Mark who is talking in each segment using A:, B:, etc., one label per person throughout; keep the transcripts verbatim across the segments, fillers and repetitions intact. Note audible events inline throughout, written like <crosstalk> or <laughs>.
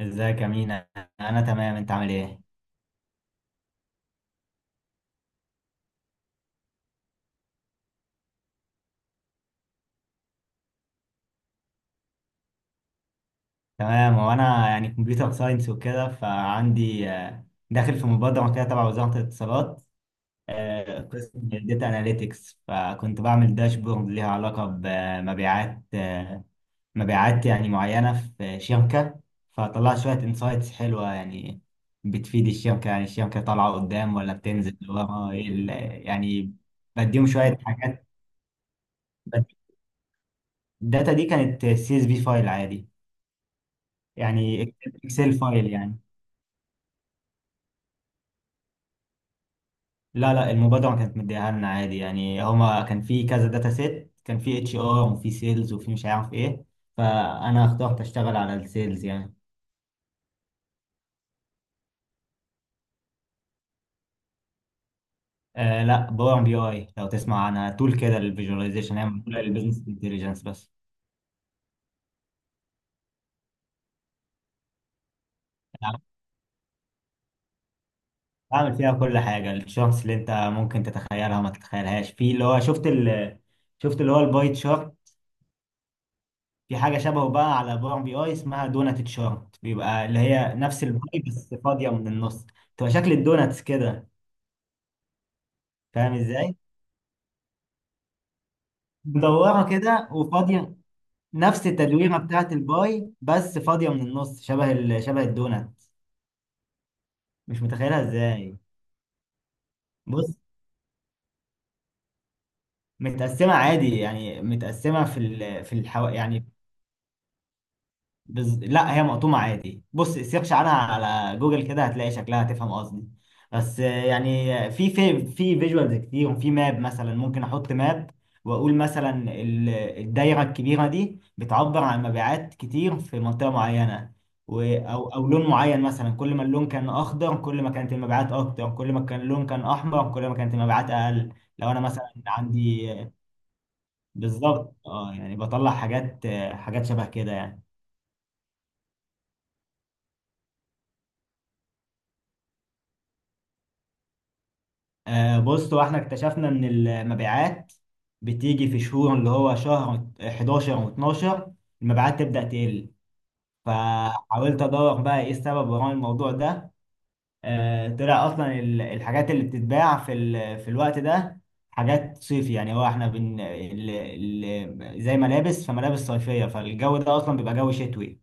A: ازيك يا مينا. انا تمام، انت عامل ايه؟ تمام. وانا يعني كمبيوتر ساينس وكده، فعندي آه، داخل في مبادره كده تبع وزاره الاتصالات. آه، قسم داتا اناليتكس، فكنت بعمل داشبورد ليها علاقه بمبيعات آه، مبيعات يعني معينه في شركه. فطلعت شويه انسايتس حلوه يعني بتفيد الشركه، يعني الشركه طالعه قدام ولا بتنزل ورا. إيه ال- يعني، بديهم شويه حاجات. الداتا دي كانت سي اس في فايل عادي، يعني اكسل فايل يعني. لا، لا، المبادرة كانت مديها لنا عادي، يعني هما كان في كذا داتا سيت، كان في اتش ار وفي سيلز وفي مش عارف ايه. فانا اخترت اشتغل على السيلز يعني. آه، لا، باور بي اي، لو تسمع عنها، تول كده للفيجواليزيشن، هي معمولة للبيزنس انتليجنس بس. يعني بعمل فيها كل حاجة، الشارتس اللي انت ممكن تتخيلها ما تتخيلهاش. في اللي هو، شفت ال شفت اللي هو الباي تشارت. في حاجة شبهه بقى على باور بي اي اسمها دونات شارت، بيبقى اللي هي نفس الباي بس فاضية من النص. تبقى شكل الدوناتس كده. فاهم ازاي؟ مدورة كده وفاضية. نفس التدويرة بتاعت الباي بس فاضية من النص، شبه ال... شبه الدونات. مش متخيلها ازاي. بص، متقسمة عادي، يعني متقسمة في ال... في الحو... يعني. بز... لا، هي مقطومة عادي. بص، سيرش عنها على جوجل كده هتلاقي شكلها، هتفهم قصدي. بس آه، يعني آه، في في في فيجوالز كتير، وفي ماب مثلا ممكن احط ماب، واقول مثلا ال- الدايرة الكبيرة دي بتعبر عن مبيعات كتير في منطقة معينة. و... او او لون معين مثلا، كل ما اللون كان اخضر كل ما كانت المبيعات اكتر، كل ما كان اللون كان احمر كل ما كانت المبيعات اقل. لو انا مثلا عندي آه، بالظبط اه، يعني بطلع حاجات، آه، حاجات شبه كده يعني. آه، بص، هو احنا اكتشفنا ان المبيعات بتيجي في شهور، اللي هو شهر حداشر و12 المبيعات تبدأ تقل. فحاولت ادور بقى ايه السبب وراء الموضوع ده. آه، طلع اصلا ال- الحاجات اللي بتتباع في ال- في الوقت ده حاجات صيفي، يعني هو احنا بن ال- ال- زي ملابس، فملابس صيفية، فالجو ده اصلا بيبقى جو شتوي.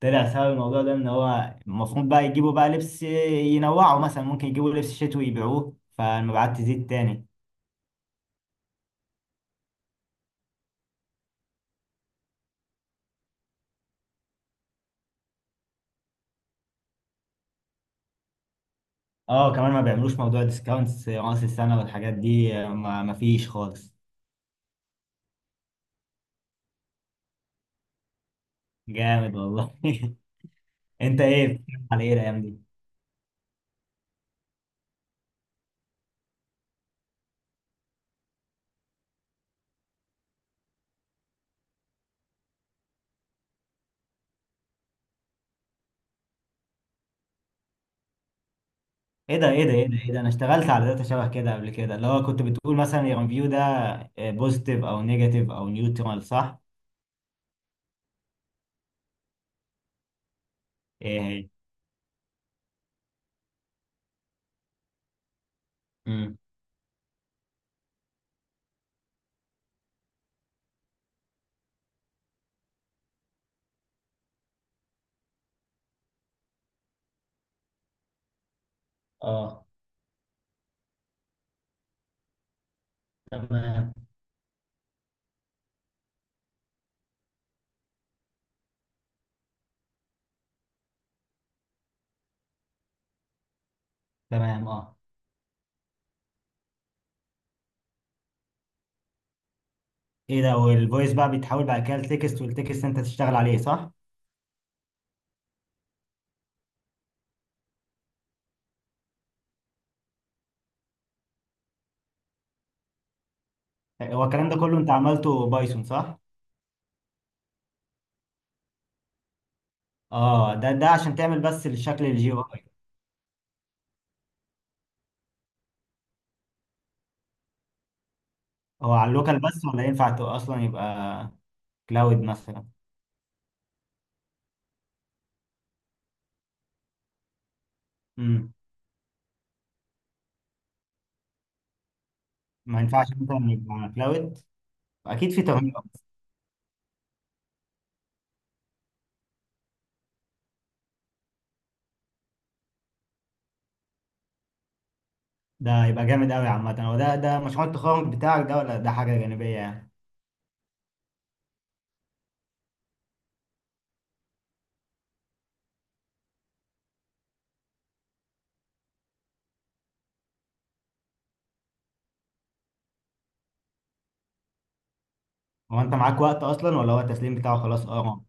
A: طلع سبب الموضوع ده ان هو المفروض بقى يجيبوا بقى لبس، ينوعوا مثلا، ممكن يجيبوا لبس شتوي يبيعوه فالمبيعات تزيد تاني. اه، كمان ما بيعملوش موضوع ديسكاونتس راس السنة والحاجات دي، ما ما فيش خالص. جامد والله. <laughs> انت ايه بتتكلم على ايه الايام دي؟ ايه ده، ايه ده، ايه ده، ايه ده! انا اشتغلت على داتا شبه كده قبل كده، اللي هو كنت بتقول مثلا الريفيو ده بوزيتيف او نيجاتيف او نيوترال، صح؟ ايه هي؟ امم. اه، تمام، تمام، اه. ايه ده! والفويس بقى بيتحول بعد كده لتكست، والتكست انت تشتغل عليه، صح؟ هو الكلام ده كله انت عملته بايثون، صح؟ اه، ده ده عشان تعمل بس الشكل الجي او اي؟ هو على اللوكال بس، ولا ينفع ت- اصلا يبقى كلاود مثلا؟ امم. ما ينفعش مثلا يبقى كلاود؟ اكيد في تغيير. ده هيبقى جامد قوي. عامه هو ده ده مشروع التخرج بتاعك، ده ولا ده حاجه جانبيه يعني؟ هو انت معاك وقت اصلا، ولا هو التسليم بتاعه خلاص؟ اه.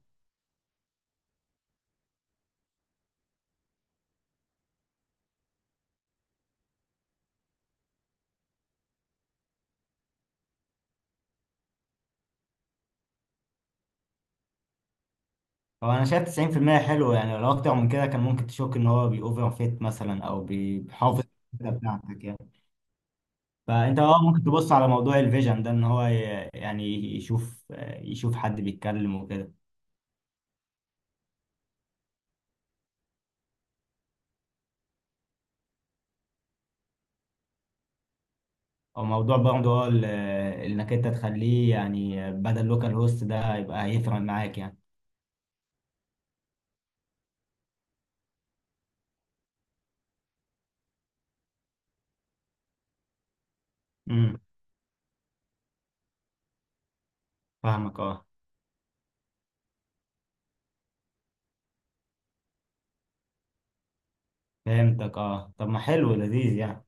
A: هو انا شايف تسعين في المية حلو، يعني لو اكتر من كده كان ممكن تشك ان هو بيوفر فيت مثلا، او بي- بيحافظ على بتاعتك يعني. فانت اه، ممكن تبص على موضوع الفيجن ده، ان هو ي- يعني يشوف، يشوف حد بيتكلم وكده. او موضوع برضه، هو ال- انك انت تخليه يعني، بدل لوكال هوست ده، يبقى هيفرق معاك يعني. امم، فاهمك اه. فهمتك اه. طب ما حلو، لذيذ يعني.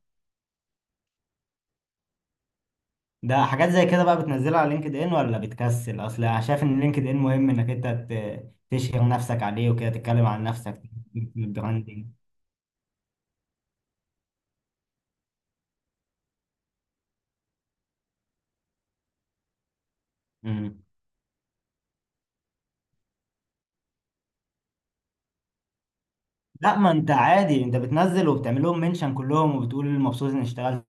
A: ده حاجات زي كده بقى بتنزلها على لينكد ان ولا بتكسل؟ اصل انا شايف ان لينكد ان مهم انك انت ت- تشهر نفسك عليه، وكده تتكلم عن نفسك. البراندنج. امم. لا، ما انت عادي، انت بتنزل وبتعمل لهم منشن كلهم، وبتقول مبسوط اني اشتغلت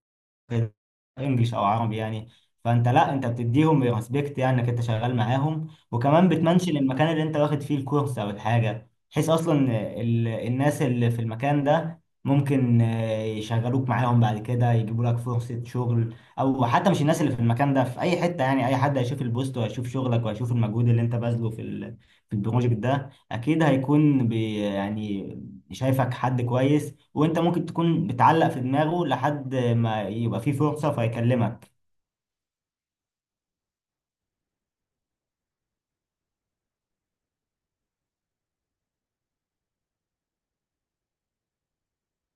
A: في انجليش او عربي يعني. فانت، لا، انت بتديهم ريسبكت يعني انك انت شغال معاهم. وكمان بتمنشن المكان اللي انت واخد فيه الكورس او الحاجه، بحيث اصلا ال... الناس اللي في المكان ده ممكن آه، يشغلوك معاهم بعد كده، يجيبوا لك فرصه شغل، او حتى مش الناس اللي في المكان ده، في اي حته يعني، اي حد هيشوف البوست وهيشوف شغلك وهيشوف المجهود اللي انت باذله في ال... في البروجكت ده، اكيد هيكون بي... يعني شايفك حد كويس. وانت ممكن تكون بتعلق في دماغه لحد ما يبقى فيه فرصة فيكلمك.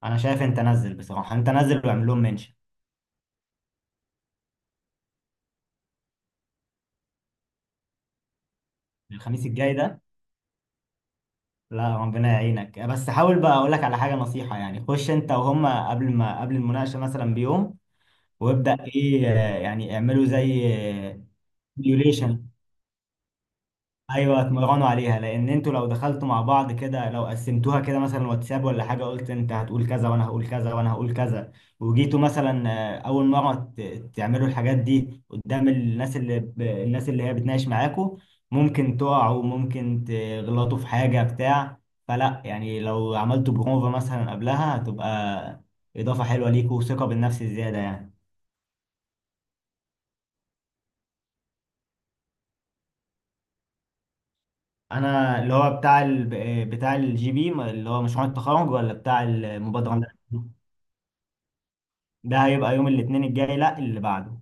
A: انا شايف انت نزل بصراحة، انت نزل واعمل لهم منشن. الخميس الجاي ده؟ لا، ربنا يعينك. بس حاول بقى، اقول لك على حاجة نصيحة يعني، خش انت وهم قبل ما قبل المناقشة مثلا بيوم، وابدأ ايه، آه، يعني اعملوا زي سيميوليشن. ايوه، اتمرنوا عليها، لان انتوا لو دخلتوا مع بعض كده، لو قسمتوها كده مثلا، واتساب ولا حاجه، قلت انت هتقول كذا وانا هقول كذا وانا هقول كذا، وجيتوا مثلا آه، اول مره ت- تعملوا الحاجات دي قدام الناس اللي ب... الناس اللي هي بتناقش معاكوا، ممكن تقعوا، ممكن تغلطوا في حاجه بتاع. فلا يعني، لو عملتوا بروفا مثلا قبلها، هتبقى اضافه حلوه ليكوا وثقه بالنفس زياده يعني. انا اللي هو بتاع ال... بتاع الجي بي، اللي هو مشروع التخرج، ولا بتاع المبادره؟ ده هيبقى يوم الاثنين الجاي، لا اللي بعده.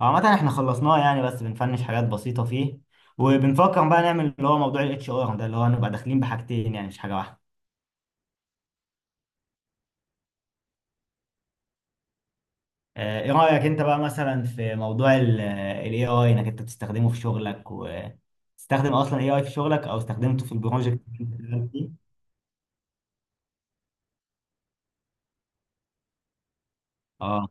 A: عامة احنا خلصناه يعني، بس بنفنش حاجات بسيطة فيه، وبنفكر بقى نعمل اللي هو موضوع الاتش ار ده، اللي هو نبقى داخلين بحاجتين يعني، مش حاجة واحدة. آه، ايه رأيك انت بقى مثلا في موضوع الاي اي، انك انت بتستخدمه في شغلك، وتستخدم اصلا اي اي في شغلك، او استخدمته في البروجكت اللي انت شغال فيه؟ اه،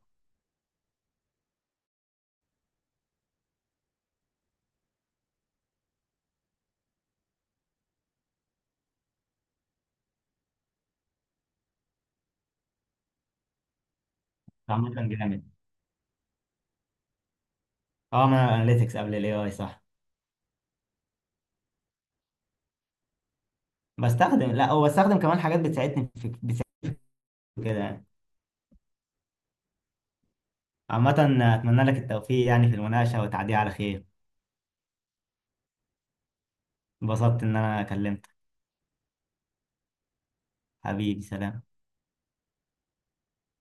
A: عامة كان جامد. اه، انا اناليتكس قبل الاي اي، صح؟ بستخدم، لا، هو بستخدم كمان حاجات بتساعدني في بتساعدني كده يعني. عامة، اتمنى لك التوفيق يعني في المناقشة، والتعدي على خير. انبسطت ان انا كلمتك. حبيبي، سلام.